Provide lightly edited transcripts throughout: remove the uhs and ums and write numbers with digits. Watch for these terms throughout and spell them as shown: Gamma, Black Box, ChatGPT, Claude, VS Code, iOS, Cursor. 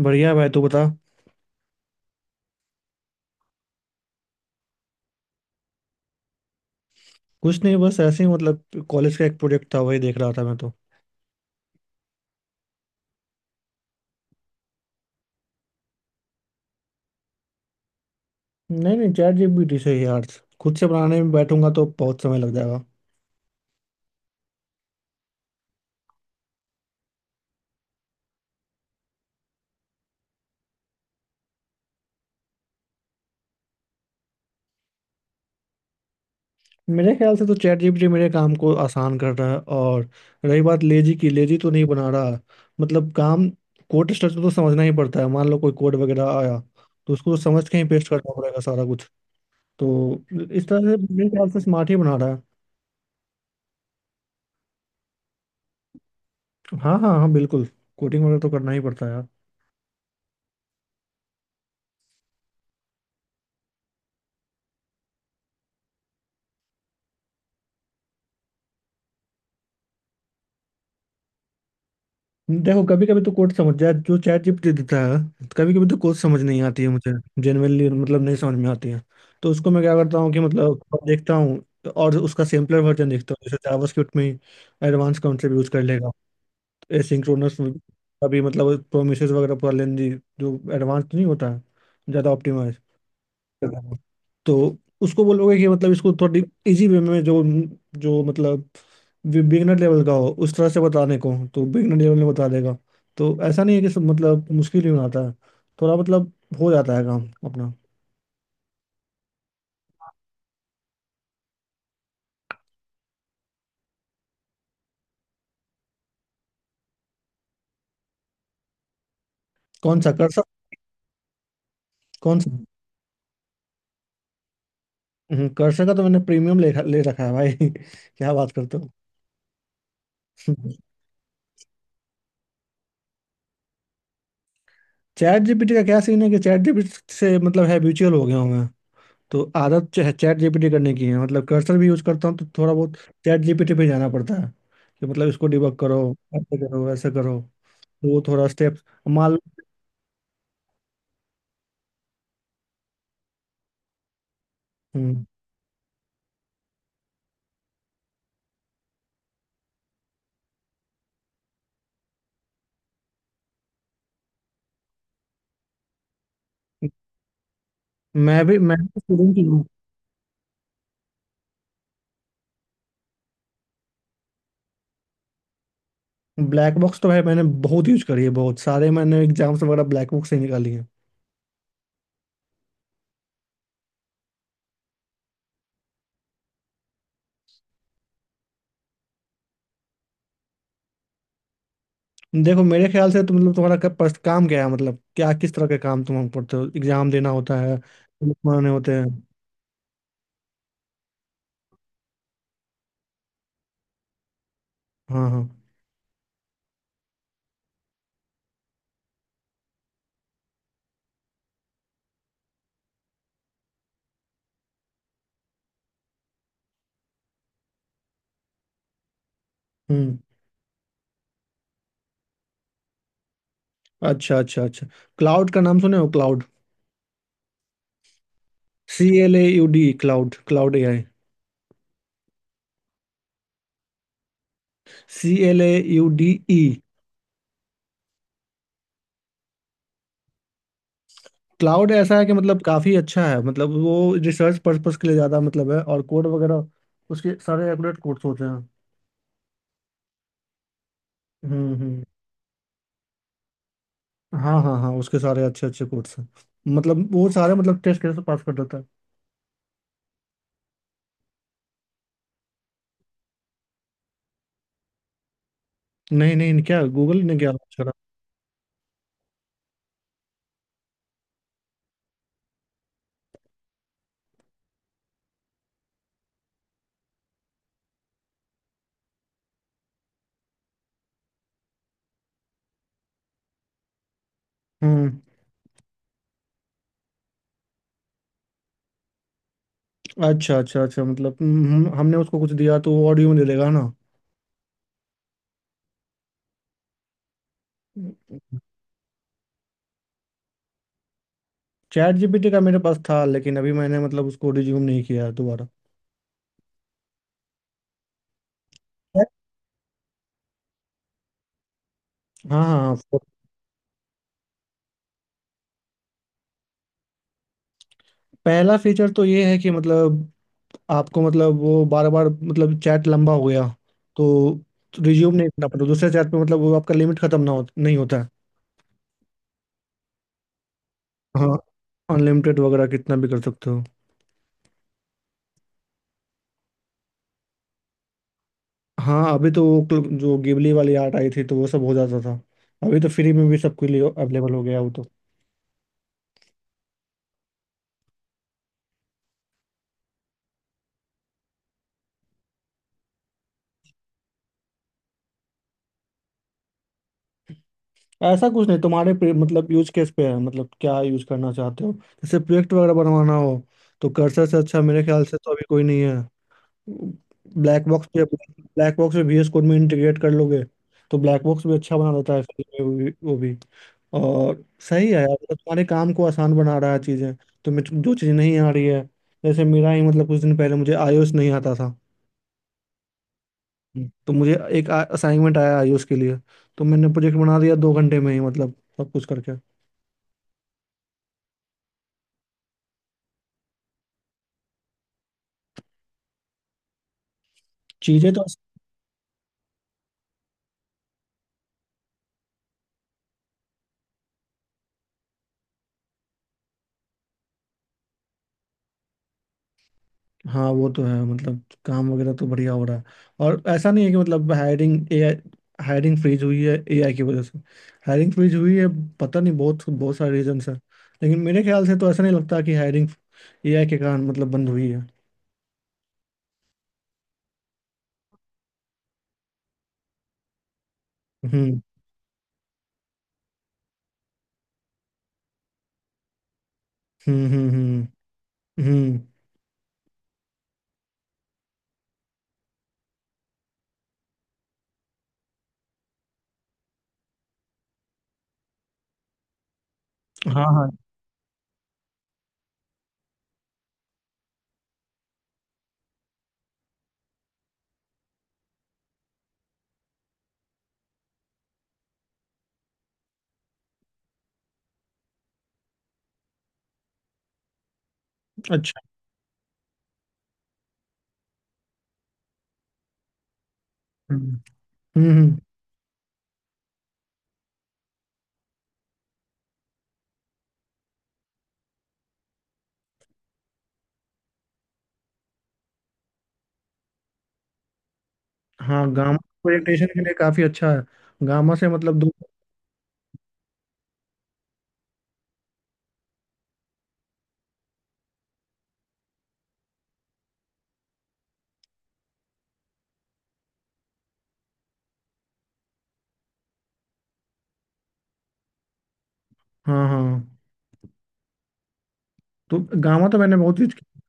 बढ़िया भाई, तू बता। कुछ नहीं, बस ऐसे ही मतलब कॉलेज का एक प्रोजेक्ट था, वही देख रहा था मैं तो। नहीं नहीं, चैट जीपीटी से ही यार। खुद से बनाने में बैठूंगा तो बहुत समय लग जाएगा। मेरे ख्याल से तो चैट जीपीटी मेरे काम को आसान कर रहा है, और रही बात लेजी की, लेजी तो नहीं बना रहा। मतलब काम, कोड स्ट्रक्चर तो समझना ही पड़ता है। मान लो कोई कोड वगैरह आया तो उसको तो समझ के ही पेस्ट करना पड़ेगा सारा कुछ। तो इस तरह से मेरे ख्याल से स्मार्ट ही बना रहा है। हाँ हाँ हाँ, बिल्कुल। कोडिंग वगैरह तो करना ही पड़ता है यार। देखो, कभी कभी तो कोड समझ जाए जो चैट जीपीटी देता है, कभी कभी तो कोड समझ नहीं आती है मुझे। जेनुअनली मतलब नहीं समझ में आती है। तो उसको मैं क्या करता हूँ कि मतलब देखता हूँ और उसका सिंपलर वर्जन देखता हूँ। जैसे जावास्क्रिप्ट में एडवांस काउंटर यूज कर लेगा, एसिंक्रोनस का भी मतलब प्रोमिसेस वगैरह पूरा लेंदी जो एडवांस नहीं होता है, ज़्यादा ऑप्टिमाइज। तो उसको बोलोगे कि मतलब इसको थोड़ी इजी वे में, जो जो मतलब बिगनर लेवल का हो उस तरह से बताने को, तो बिगनर लेवल में बता देगा। तो ऐसा नहीं है कि सब मतलब मुश्किल ही बनाता है। थोड़ा मतलब हो जाता है काम अपना। कौन सा, कर्सर? कौन सा? कर्सर का तो मैंने प्रीमियम ले ले रखा है भाई क्या बात करते हो! चैट जीपीटी का क्या सीन है कि चैट जीपीटी से मतलब है, म्यूचुअल हो गया हूँ। तो आदत जो है चैट जीपीटी करने की है। मतलब कर्सर भी यूज करता हूँ तो थोड़ा बहुत चैट जीपीटी पे जाना पड़ता है कि मतलब इसको डिबग करो, ऐसे करो ऐसे करो। तो वो थोड़ा स्टेप्स मान लो। हम्म। मैं भी स्टूडेंट ही हूँ। ब्लैक बॉक्स तो भाई मैंने बहुत यूज करी है, बहुत सारे मैंने एग्जाम्स वगैरह ब्लैक बॉक्स से ही निकाली है। देखो, मेरे ख्याल से तो मतलब तुम्हारा क्या काम क्या है? मतलब क्या किस तरह के काम तुम हमको पढ़ते हो, एग्जाम देना होता है, बनाने होते हैं? हाँ हाँ। हम्म। अच्छा अच्छा अच्छा, क्लाउड का नाम सुने हो, Claude? C L A U D, Claude, Claude A I. C L A U D E. Claude ऐसा है कि मतलब काफ़ी अच्छा है। मतलब वो रिसर्च पर्पस के लिए ज़्यादा मतलब है, और कोड वगैरह उसके सारे एक्यूरेट कोड्स होते हैं। हम्म। हाँ हाँ हाँ, उसके सारे अच्छे अच्छे कोड्स हैं। मतलब वो सारे मतलब टेस्ट कैसे पास कर देता है। नहीं नहीं, क्या गूगल ने क्या launch करा? हम्म। अच्छा अच्छा अच्छा, मतलब हमने उसको कुछ दिया तो वो ऑडियो में दे देगा ना। चैट जीपीटी का मेरे पास था, लेकिन अभी मैंने मतलब उसको रिज्यूम नहीं किया है दोबारा। हाँ हाँ हाँ। पहला फीचर तो ये है कि मतलब आपको मतलब वो बार बार मतलब चैट लंबा हो गया तो रिज्यूम नहीं करना पड़ता दूसरे चैट पे। मतलब वो आपका लिमिट खत्म ना हो, नहीं होता है। हाँ, अनलिमिटेड वगैरह कितना भी कर सकते हो। हाँ, अभी तो वो जो गिबली वाली आर्ट आई थी तो वो सब हो जाता था। अभी तो फ्री में भी सबके लिए अवेलेबल हो गया वो तो। ऐसा कुछ नहीं, तुम्हारे पे मतलब यूज केस पे है। मतलब क्या यूज करना चाहते हो? जैसे प्रोजेक्ट वगैरह बनवाना हो तो कर्सर से अच्छा मेरे ख्याल से तो अभी कोई नहीं। ब्लैक बॉक्स पे, ब्लैक बॉक्स में VS कोड में इंटीग्रेट कर लोगे तो ब्लैक बॉक्स भी अच्छा बना देता है फिर। वो भी और सही है यार। मतलब तुम्हारे काम को आसान बना रहा है, चीज़ें तुम्हें जो चीज़ नहीं आ रही है। जैसे मेरा ही मतलब कुछ दिन पहले मुझे iOS नहीं आता था। हम्म। तो मुझे एक असाइनमेंट आया iOS के लिए, तो मैंने प्रोजेक्ट बना दिया 2 घंटे में ही मतलब, सब कुछ करके। चीज़ें तो हाँ, वो तो है। मतलब काम वगैरह तो बढ़िया हो रहा है। और ऐसा नहीं है कि मतलब हायरिंग एआई, हायरिंग फ्रीज हुई है एआई की वजह से। हायरिंग फ्रीज हुई है, पता नहीं, बहुत बहुत सारे रीजंस है लेकिन मेरे ख्याल से तो ऐसा नहीं लगता कि हायरिंग एआई के कारण मतलब बंद हुई है। हम्म हम्म। हम्म। हम्म, हाँ हाँ। अच्छा। हम्म हम्म। हाँ गामा। प्रेजेंटेशन के लिए काफी अच्छा है। गामा से मतलब दो। हाँ हाँ। तो गामा तो मैंने बहुत यूज किया।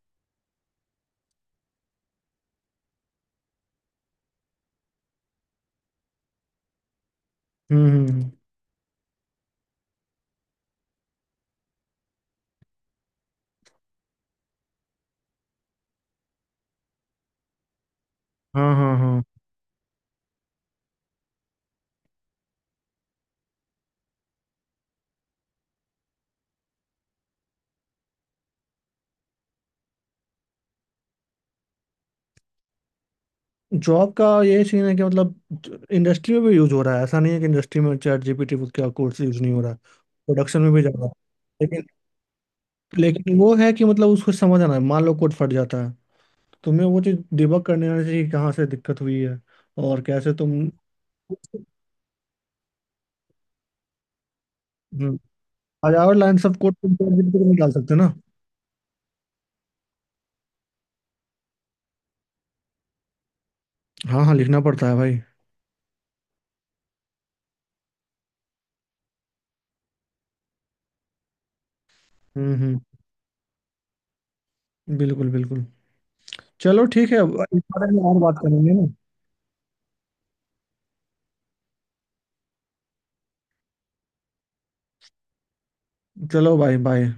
हम्म हम्म, हम्म। हाँ हाँ हाँ। जॉब का ये सीन है कि मतलब इंडस्ट्री में भी यूज हो रहा है। ऐसा नहीं है कि इंडस्ट्री में चैट जीपीटी का कोर्स यूज नहीं हो रहा है। प्रोडक्शन में भी जा रहा है। लेकिन, लेकिन वो है कि मतलब उसको समझ आना है। मान लो कोड फट जाता है, तुम्हें वो चीज़ डिबग करने आना चाहिए कि कहाँ से दिक्कत हुई है और कैसे तुम। हम्म। 1000 लाइन सब कोड तुम चैट जीपीटी में निकाल सकते हो ना। हाँ हाँ लिखना पड़ता है भाई। हम्म। बिल्कुल बिल्कुल। चलो ठीक है, अब इस बारे में और बात करेंगे ना। चलो भाई, बाय।